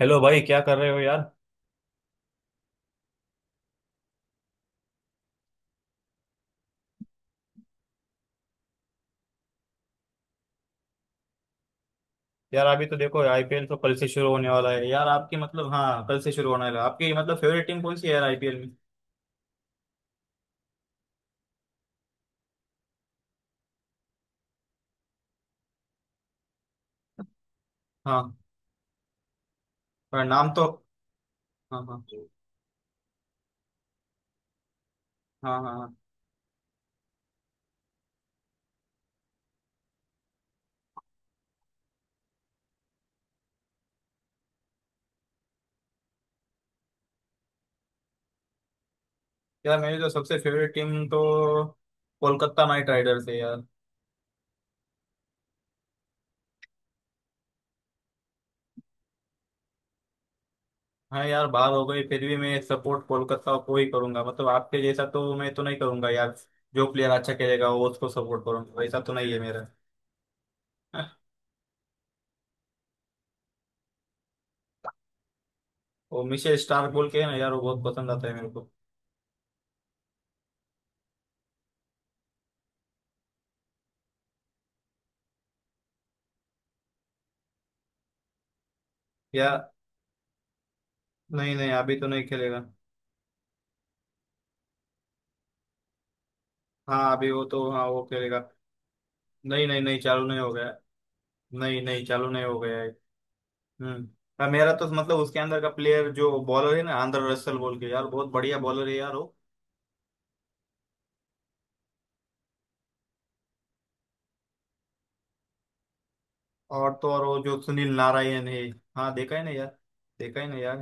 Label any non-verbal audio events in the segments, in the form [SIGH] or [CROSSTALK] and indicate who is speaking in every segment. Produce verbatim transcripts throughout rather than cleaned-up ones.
Speaker 1: Hello भाई, क्या कर रहे हो यार। यार अभी तो देखो, आईपीएल तो कल से शुरू होने वाला है यार। आपकी मतलब हाँ, कल से शुरू होने वाला है। आपकी मतलब फेवरेट टीम कौन सी है यार आईपीएल में? हाँ, पर नाम तो। हाँ हाँ हाँ हाँ हाँ। यार मेरी तो सबसे फेवरेट टीम तो कोलकाता नाइट राइडर्स है यार। हाँ यार, बाहर हो गई, फिर भी मैं सपोर्ट कोलकाता को ही करूंगा। मतलब आपके जैसा तो मैं तो नहीं करूंगा यार, जो प्लेयर अच्छा खेलेगा वो उसको सपोर्ट करूंगा, वैसा तो नहीं है मेरा। [LAUGHS] वो मिशेल स्टार्क बोल के है ना यार, वो बहुत पसंद आता है मेरे को। यार नहीं नहीं, अभी तो नहीं खेलेगा। हाँ अभी वो तो, हाँ वो खेलेगा। नहीं नहीं नहीं, चालू नहीं हो गया है। नहीं नहीं, चालू नहीं हो गया है। हम्म। हाँ, मेरा तो मतलब उसके अंदर का प्लेयर जो बॉलर है ना, आंद्रे रसल बोल के, यार बहुत बढ़िया बॉलर है यार वो। और तो और, वो जो सुनील नारायण है। हाँ देखा है ना यार, देखा है ना यार।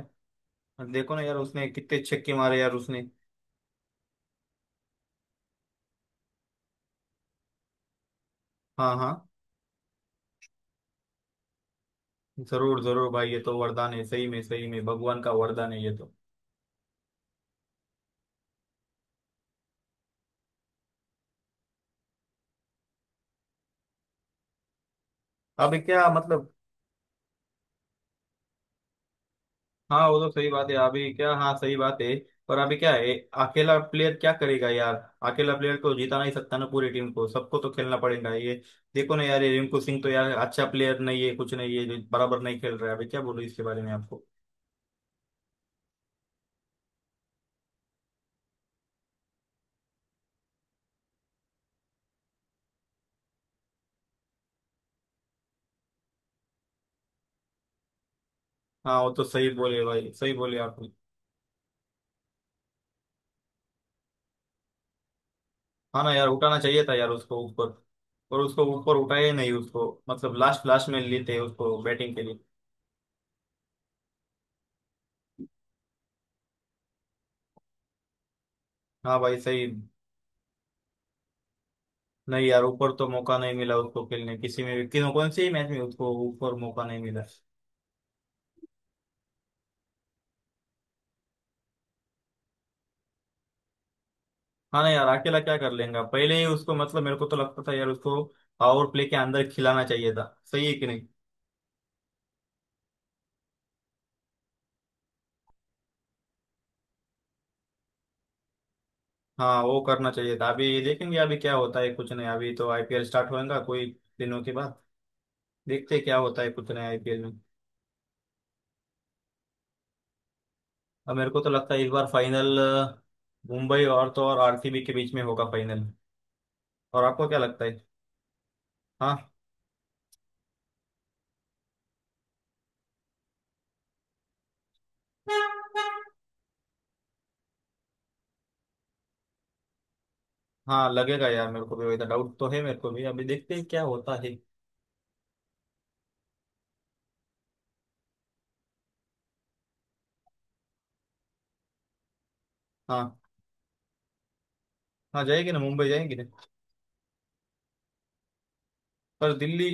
Speaker 1: हाँ, देखो ना यार, उसने कितने छक्के मारे यार उसने। हाँ हाँ। जरूर जरूर भाई, ये तो वरदान है, सही में सही में भगवान का वरदान है ये तो। अब क्या मतलब। हाँ वो तो सही बात है। अभी क्या, हाँ सही बात है। पर अभी क्या है, अकेला प्लेयर क्या करेगा यार? अकेला प्लेयर को जिता नहीं सकता ना, पूरी टीम को सबको तो खेलना पड़ेगा ये। देखो ना यार, ये रिंकू सिंह तो यार अच्छा प्लेयर नहीं है, कुछ नहीं है, जो बराबर नहीं खेल रहा है अभी। क्या बोलूं इसके बारे में आपको? हाँ वो तो सही बोले भाई, सही बोले आप। हाँ ना यार, उठाना चाहिए था यार उसको ऊपर। पर उसको ऊपर उठाया ही नहीं उसको। मतलब लास्ट लास्ट में लेते उसको बैटिंग के लिए। हाँ भाई सही। नहीं यार, ऊपर तो मौका नहीं मिला उसको खेलने, किसी में भी, किसी कौन से ही मैच में उसको ऊपर मौका नहीं मिला। हाँ ना यार, अकेला क्या कर लेगा? पहले ही उसको मतलब मेरे को तो लगता था यार, उसको पावर प्ले के अंदर खिलाना चाहिए था। सही है कि नहीं? हाँ वो करना चाहिए था। अभी देखेंगे अभी क्या होता है, कुछ नहीं। अभी तो आईपीएल स्टार्ट होएगा कोई दिनों के बाद। देखते हैं क्या होता है, कुछ नहीं आईपीएल में। अब मेरे को तो लगता है इस बार फाइनल मुंबई और तो और आरसीबी के बीच में होगा फाइनल। और आपको क्या लगता है? हाँ। हाँ लगेगा यार, मेरे को भी वैसा डाउट तो है मेरे को भी। अभी देखते हैं क्या होता है। हाँ। हाँ जाएगी ना, मुंबई जाएंगे। पर दिल्ली,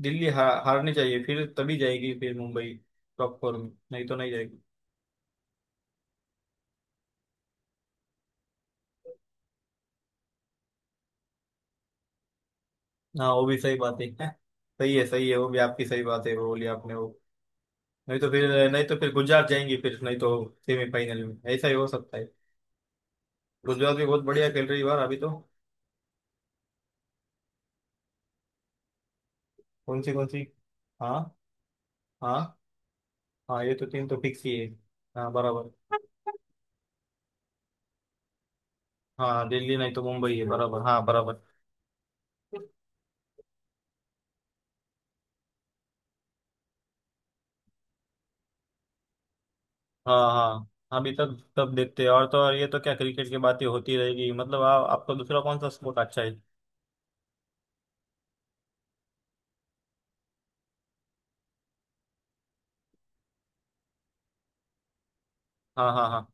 Speaker 1: दिल्ली हार, हारनी चाहिए फिर, तभी जाएगी फिर मुंबई टॉप फोर में, नहीं तो नहीं जाएगी। हाँ वो भी सही बात है। [LAUGHS] सही है सही है, वो भी आपकी सही बात है, वो बोली आपने वो। नहीं तो फिर, नहीं तो फिर गुजरात जाएंगी फिर, नहीं तो सेमीफाइनल में ऐसा ही हो सकता है। गुजरात भी बहुत बढ़िया खेल रही है बार अभी तो। कौन सी कौन सी? हाँ। हाँ हाँ, ये तो तीन तो फिक्स ही है। हाँ बराबर। हाँ दिल्ली नहीं तो मुंबई है बराबर, हाँ बराबर। हाँ हाँ। अभी तक सब देखते हैं। और तो और ये तो क्या, क्रिकेट की बातें होती रहेगी। मतलब आ, आपको दूसरा कौन सा स्पोर्ट अच्छा है? हाँ हाँ हाँ।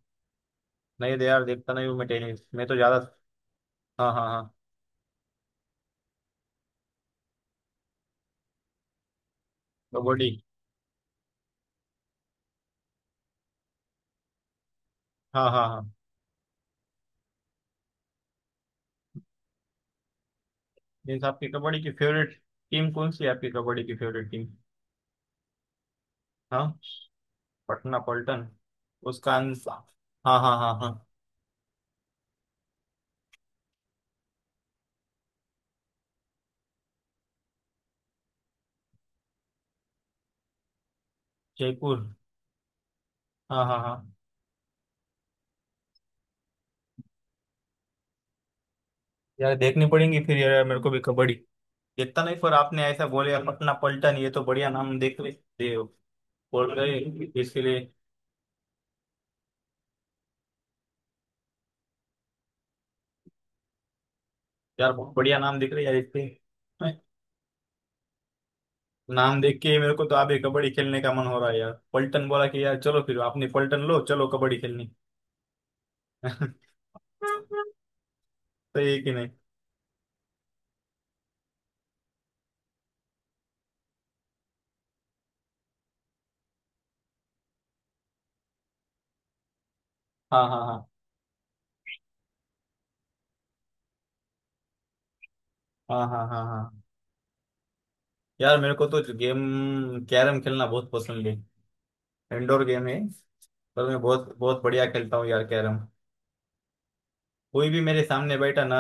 Speaker 1: नहीं दे यार, देखता नहीं हूँ मैं टेनिस, मैं तो ज्यादा। हाँ हाँ हाँ। कबड्डी। हाँ हाँ हाँ। मीन्स आपकी कबड्डी की फेवरेट टीम कौन सी है आपकी कबड्डी की फेवरेट टीम? हाँ पटना पलटन। उसका आंसर। हाँ हाँ हाँ हाँ। जयपुर। हाँ हाँ हाँ। यार देखनी पड़ेंगी फिर यार मेरे को भी कबड्डी। देखता नहीं, पर आपने ऐसा बोले पटना पलटन, ये तो बढ़िया नाम। देख ले दे- बोल रहे इसके लिए। यार बहुत बढ़िया नाम दिख रही है यार इसके। हैं? नाम देख के ही मेरे को तो अभी कबड्डी खेलने का मन हो रहा है यार। पलटन बोला कि यार चलो, फिर आपने पलटन लो, चलो कबड्डी खेलने। [LAUGHS] सही है कि नहीं? हाँ हाँ हाँ हाँ हाँ हाँ हाँ। यार मेरे को तो गेम कैरम खेलना बहुत पसंद है। इंडोर गेम है। पर मैं बहुत बहुत बढ़िया खेलता हूँ यार कैरम। कोई भी मेरे सामने बैठा ना।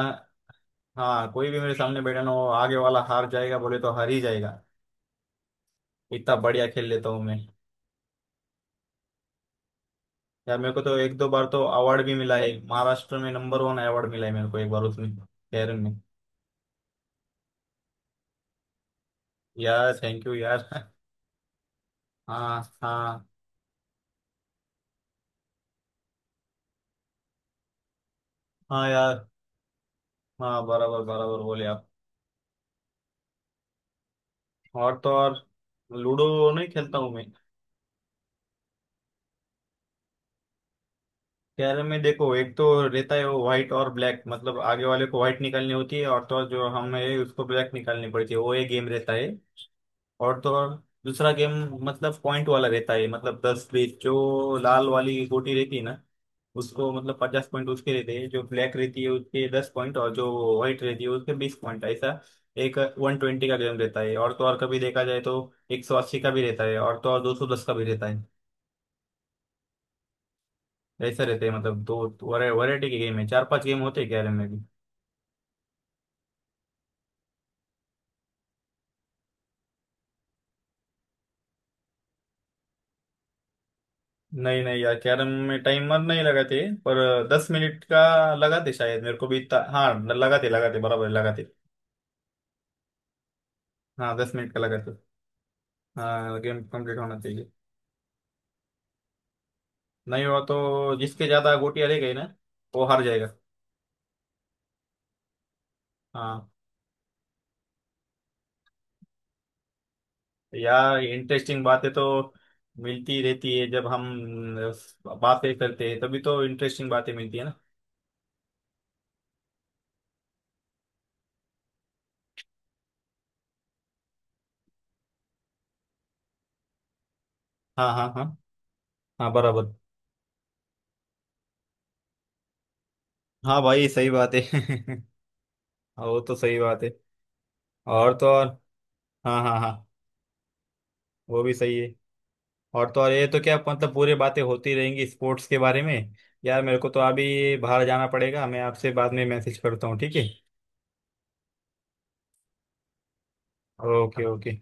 Speaker 1: हाँ कोई भी मेरे सामने बैठा ना, वो आगे वाला हार जाएगा, बोले तो हार ही जाएगा। इतना बढ़िया खेल लेता हूँ मैं। यार मेरे को तो एक दो बार तो अवार्ड भी मिला है। महाराष्ट्र में नंबर वन अवार्ड मिला है मेरे को एक बार उसमें केरन में। यार थैंक यू यार। [LAUGHS] हाँ हाँ हाँ यार। हाँ बराबर बराबर बोले आप। और तो और लूडो। नहीं खेलता हूँ मैं। कैरम में देखो, एक तो रहता है वो व्हाइट और ब्लैक, मतलब आगे वाले को व्हाइट निकालनी होती है, और तो और जो हम है उसको ब्लैक निकालनी पड़ती है। वो एक गेम रहता है। और तो और दूसरा गेम मतलब पॉइंट वाला रहता है। मतलब दस बीस, जो लाल वाली गोटी रहती है ना, उसको मतलब पचास पॉइंट उसके रहते हैं। जो ब्लैक रहती है उसके दस पॉइंट, और जो व्हाइट रहती है उसके बीस पॉइंट, ऐसा। एक वन ट्वेंटी का गेम रहता है, और तो और कभी देखा जाए तो एक सौ अस्सी का भी रहता है, और तो और दो सौ दस का भी रहता है। ऐसा रहते हैं। मतलब दो वैरायटी के गेम है, चार पांच गेम होते हैं कैरम में भी। नहीं नहीं यार, कैरम में टाइमर नहीं लगाते। पर दस मिनट का लगाते शायद, मेरे को भी इतना- हाँ लगाते लगाते, बराबर लगाते। हाँ दस मिनट का लगाते। हाँ गेम कंप्लीट होना चाहिए। नहीं हुआ तो जिसके ज्यादा गोटियां रह गई ना, वो हार जाएगा। हाँ। यार इंटरेस्टिंग बातें तो मिलती रहती है जब हम अ, बातें करते हैं, तभी तो इंटरेस्टिंग बातें मिलती है ना। हाँ हाँ हाँ हाँ बराबर। हाँ भाई सही बात है। [LAUGHS] हाँ, वो तो सही बात है। और तो और। हाँ हाँ हाँ। वो भी सही है। और तो और ये तो क्या, मतलब पूरी बातें होती रहेंगी स्पोर्ट्स के बारे में। यार मेरे को तो अभी बाहर जाना पड़ेगा, मैं आपसे बाद में मैसेज करता हूँ, ठीक है। Okay okay.